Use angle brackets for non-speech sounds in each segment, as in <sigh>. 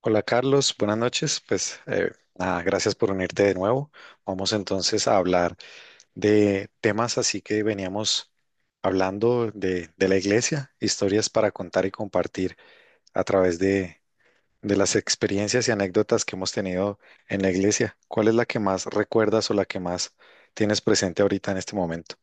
Hola Carlos, buenas noches. Nada, gracias por unirte de nuevo. Vamos entonces a hablar de temas así que veníamos hablando de la iglesia, historias para contar y compartir a través de las experiencias y anécdotas que hemos tenido en la iglesia. ¿Cuál es la que más recuerdas o la que más tienes presente ahorita en este momento?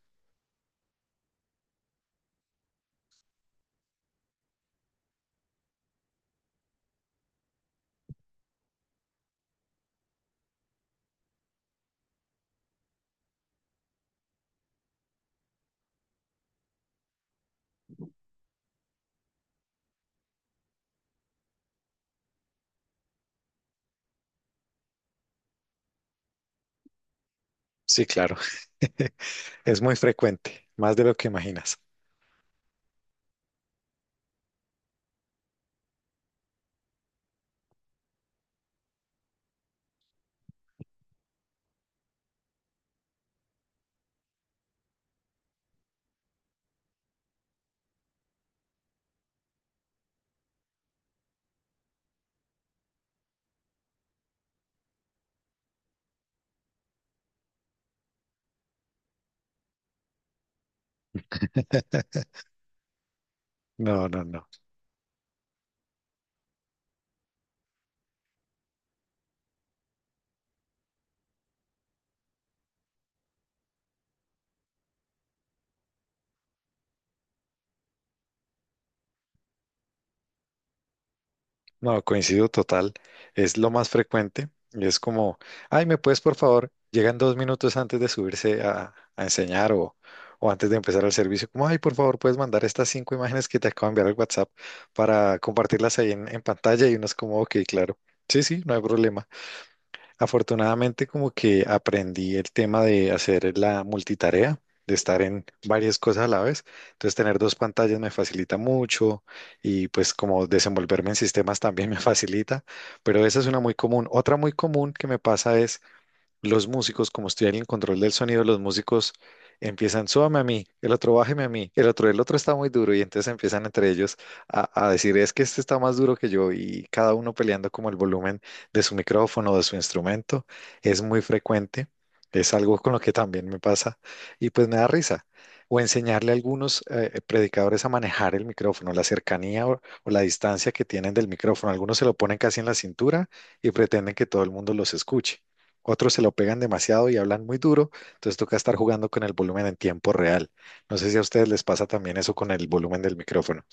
Sí, claro. <laughs> Es muy frecuente, más de lo que imaginas. <laughs> No, no, no. No, coincido total. Es lo más frecuente. Y es como, ay, ¿me puedes, por favor? Llegan dos minutos antes de subirse a enseñar o antes de empezar el servicio. Como, ay, por favor, puedes mandar estas cinco imágenes que te acabo de enviar al WhatsApp para compartirlas ahí en pantalla. Y uno es como, ok, claro. Sí, sí, no hay problema. Afortunadamente, como que aprendí el tema de hacer la multitarea, de estar en varias cosas a la vez. Entonces, tener dos pantallas me facilita mucho y pues como desenvolverme en sistemas también <laughs> me facilita, pero esa es una muy común. Otra muy común que me pasa es los músicos, como estoy en el control del sonido, los músicos empiezan, súbame a mí, el otro bájeme a mí, el otro está muy duro, y entonces empiezan entre ellos a decir, es que este está más duro que yo, y cada uno peleando como el volumen de su micrófono o de su instrumento, es muy frecuente, es algo con lo que también me pasa, y pues me da risa. O enseñarle a algunos predicadores a manejar el micrófono, la cercanía o la distancia que tienen del micrófono. Algunos se lo ponen casi en la cintura y pretenden que todo el mundo los escuche. Otros se lo pegan demasiado y hablan muy duro, entonces toca estar jugando con el volumen en tiempo real. No sé si a ustedes les pasa también eso con el volumen del micrófono.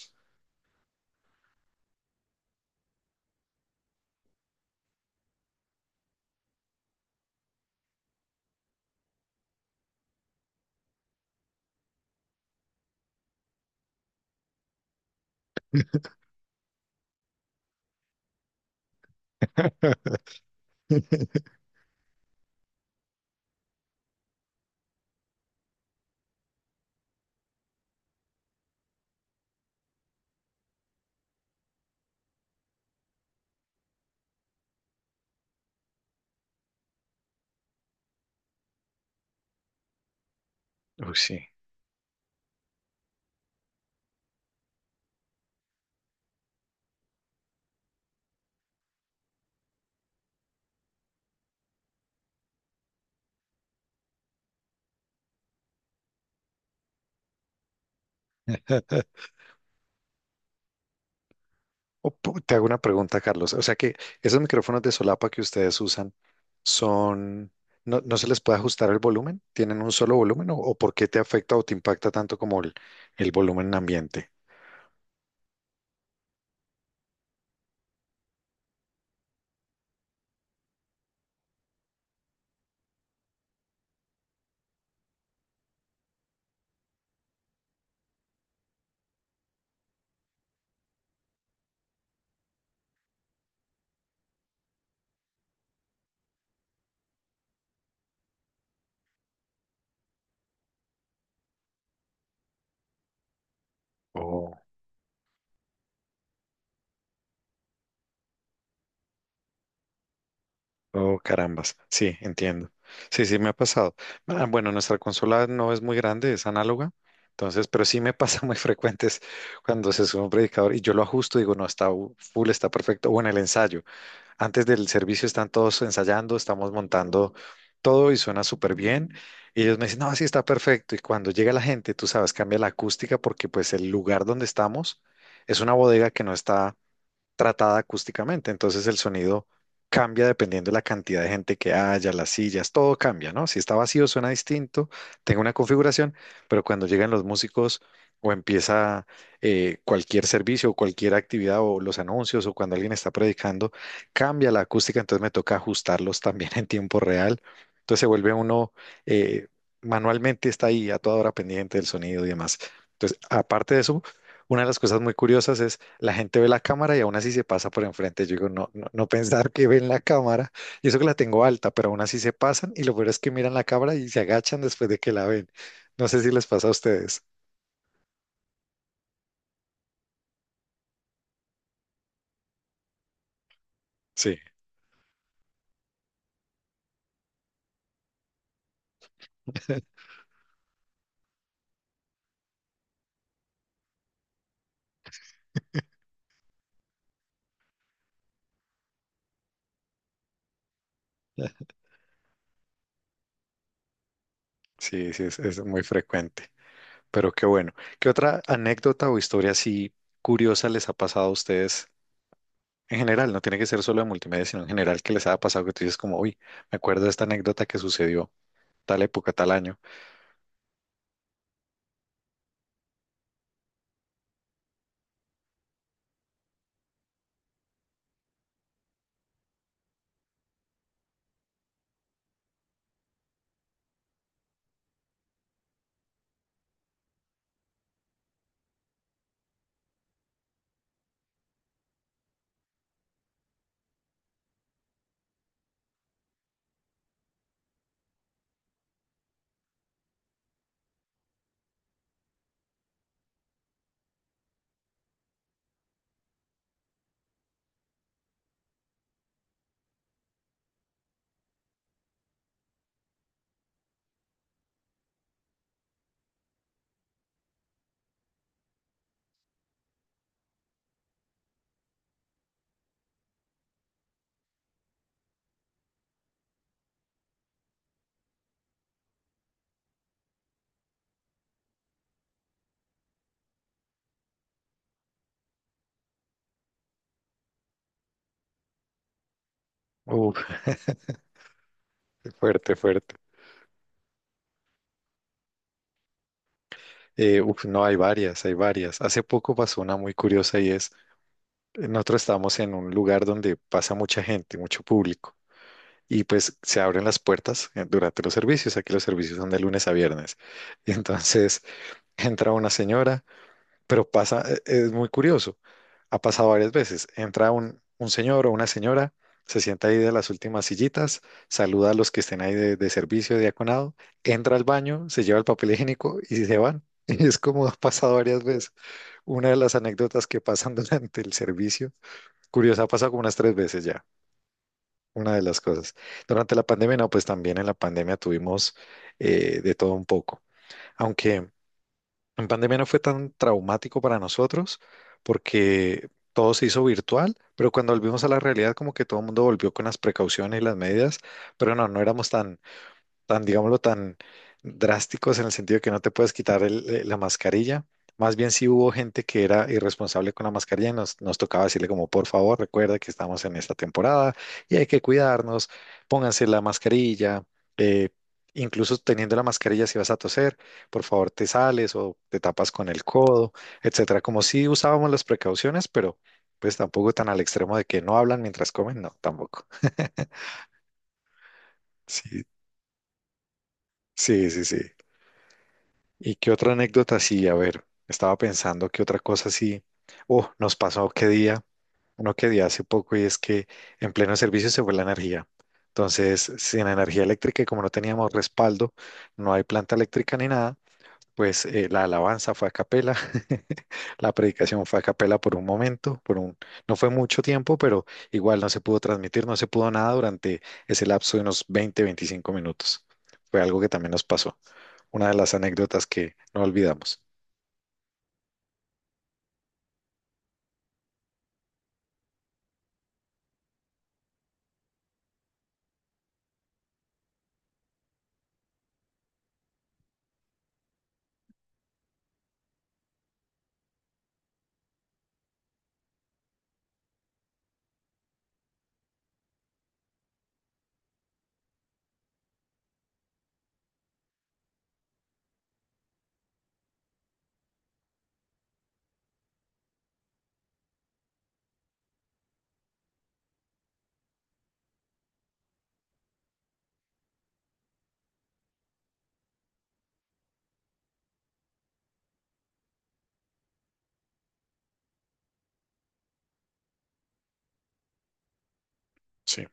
<laughs> Uy, sí. Te hago una pregunta, Carlos. O sea que esos micrófonos de solapa que ustedes usan son, no, no se les puede ajustar el volumen, tienen un solo volumen o por qué te afecta o te impacta tanto como el volumen ambiente. Oh. Oh, carambas. Sí, entiendo. Sí, sí, me ha pasado. Ah, bueno, nuestra consola no es muy grande, es análoga. Entonces, pero sí me pasa <laughs> muy frecuentes cuando se sube un predicador y yo lo ajusto, digo, no, está full, está perfecto. O en el ensayo. Antes del servicio están todos ensayando, estamos montando todo y suena súper bien. Y ellos me dicen, no, sí está perfecto. Y cuando llega la gente, tú sabes, cambia la acústica porque pues el lugar donde estamos es una bodega que no está tratada acústicamente. Entonces el sonido cambia dependiendo de la cantidad de gente que haya, las sillas, todo cambia, ¿no? Si está vacío suena distinto, tengo una configuración, pero cuando llegan los músicos o empieza cualquier servicio o cualquier actividad o los anuncios o cuando alguien está predicando, cambia la acústica, entonces me toca ajustarlos también <laughs> en tiempo real. Entonces se vuelve uno, eh, manualmente está ahí a toda hora pendiente del sonido y demás. Entonces, aparte de eso, una de las cosas muy curiosas es la gente ve la cámara y aún así se pasa por enfrente. Yo digo, no, no, no pensar que ven la cámara. Y eso que la tengo alta, pero aún así se pasan. Y lo peor es que miran la cámara y se agachan después de que la ven. No sé si les pasa a ustedes. Sí, <laughs> sí, sí, es muy frecuente. Pero qué bueno. ¿Qué otra anécdota o historia así curiosa les ha pasado a ustedes en general? No tiene que ser solo de multimedia, sino en general que les haya pasado que tú dices como, uy, me acuerdo de esta anécdota que sucedió tal época, tal año. Uf, fuerte, fuerte. No, hay varias, hay varias. Hace poco pasó una muy curiosa y nosotros estábamos en un lugar donde pasa mucha gente, mucho público, y pues se abren las puertas durante los servicios. Aquí los servicios son de lunes a viernes. Y entonces <laughs> entra una señora pero pasa, es muy curioso. Ha pasado varias veces. Entra un señor o una señora, se sienta ahí de las últimas sillitas, saluda a los que estén ahí de servicio, de diaconado, entra al baño, se lleva el papel higiénico y se van. <laughs> Y es como ha pasado varias veces. Una de las anécdotas que pasan <laughs> durante el servicio, curiosa, ha pasado como unas tres veces ya, una de las cosas. Durante la pandemia, no, pues también en la pandemia tuvimos de todo un poco. Aunque en pandemia no fue tan traumático para nosotros porque todo se hizo virtual, pero cuando volvimos a la realidad como que todo el mundo volvió con las precauciones y las medidas, pero no, no éramos tan, digámoslo, tan drásticos en el sentido de que no te puedes quitar la mascarilla. Más bien si hubo gente que era irresponsable con la mascarilla y nos tocaba decirle como, por favor, recuerda que estamos en esta temporada y hay que cuidarnos, pónganse la mascarilla, eh, incluso teniendo la mascarilla si vas a toser, por favor te sales o te tapas con el codo, etcétera. Como si usábamos las precauciones, pero pues tampoco tan al extremo de que no hablan mientras comen, no, tampoco. <laughs> Sí, sí, sí, sí. ¿Y qué otra anécdota? Sí, a ver, estaba pensando que otra cosa sí. Oh, nos pasó qué día, no qué día hace poco, y es que en pleno servicio se fue la energía. Entonces, sin energía eléctrica y como no teníamos respaldo, no hay planta eléctrica ni nada, pues la alabanza fue a capela, <laughs> la predicación fue a capela por un momento, no fue mucho tiempo, pero igual no se pudo transmitir, no se pudo nada durante ese lapso de unos 20, 25 minutos. Fue algo que también nos pasó una de las anécdotas que no olvidamos. Sí,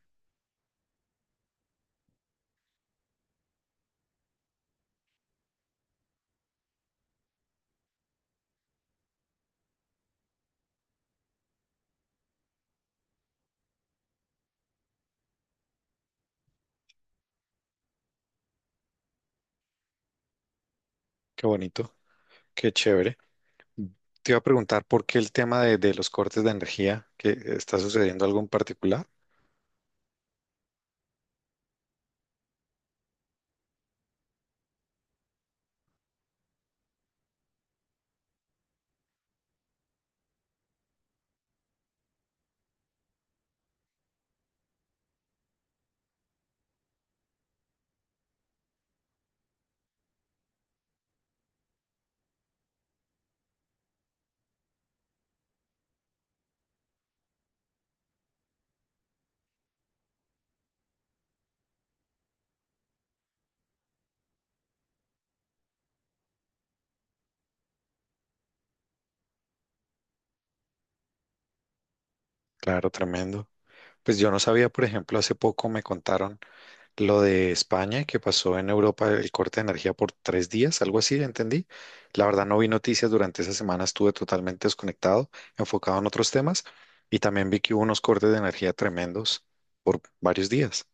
qué bonito, qué chévere. Te iba a preguntar por qué el tema de los cortes de energía, que está sucediendo algo en particular. Claro, tremendo. Pues yo no sabía, por ejemplo, hace poco me contaron lo de España, que pasó en Europa el corte de energía por tres días, algo así, entendí. La verdad no vi noticias durante esa semana, estuve totalmente desconectado, enfocado en otros temas, y también vi que hubo unos cortes de energía tremendos por varios días.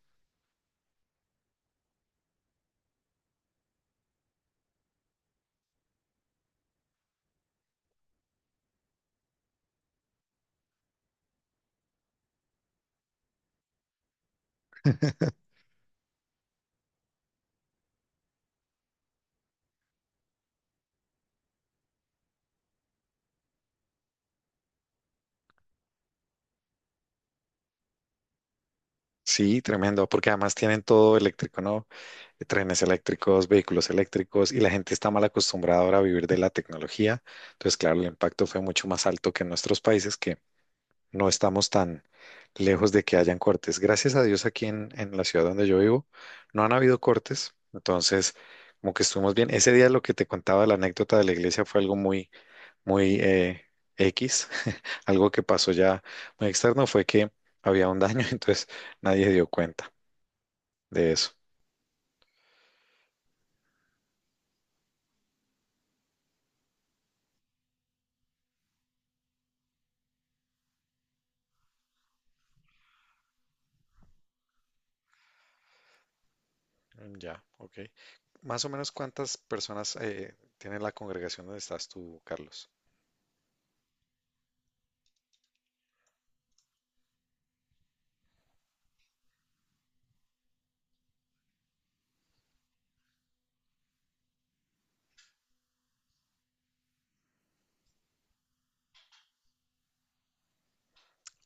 Sí, tremendo, porque además tienen todo eléctrico, ¿no? Trenes eléctricos, vehículos eléctricos, y la gente está mal acostumbrada ahora a vivir de la tecnología. Entonces, claro, el impacto fue mucho más alto que en nuestros países, que no estamos tan lejos de que hayan cortes. Gracias a Dios aquí en la ciudad donde yo vivo no han habido cortes, entonces como que estuvimos bien. Ese día lo que te contaba, la anécdota de la iglesia fue algo muy, muy X, <laughs> algo que pasó ya muy externo fue que había un daño, <laughs> entonces nadie dio cuenta de eso. Mm, ya, ok. Más o menos cuántas personas tiene la congregación donde estás tú, Carlos.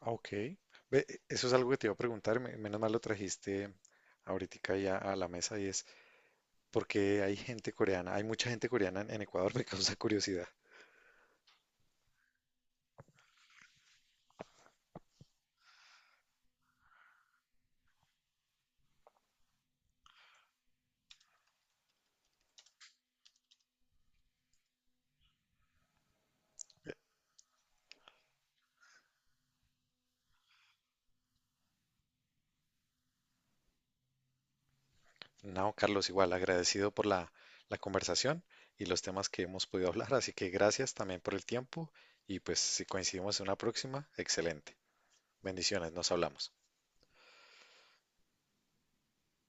Ah, ok. Ve, eso es algo que te iba a preguntar, menos mal lo trajiste ahorita ya a la mesa y es, ¿por qué hay gente coreana? Hay mucha gente coreana en Ecuador, <laughs> me causa curiosidad. No, Carlos, igual, agradecido por la conversación y los temas que hemos podido <laughs> hablar, así que gracias también por el tiempo y pues si coincidimos en una próxima, excelente. Bendiciones, nos hablamos.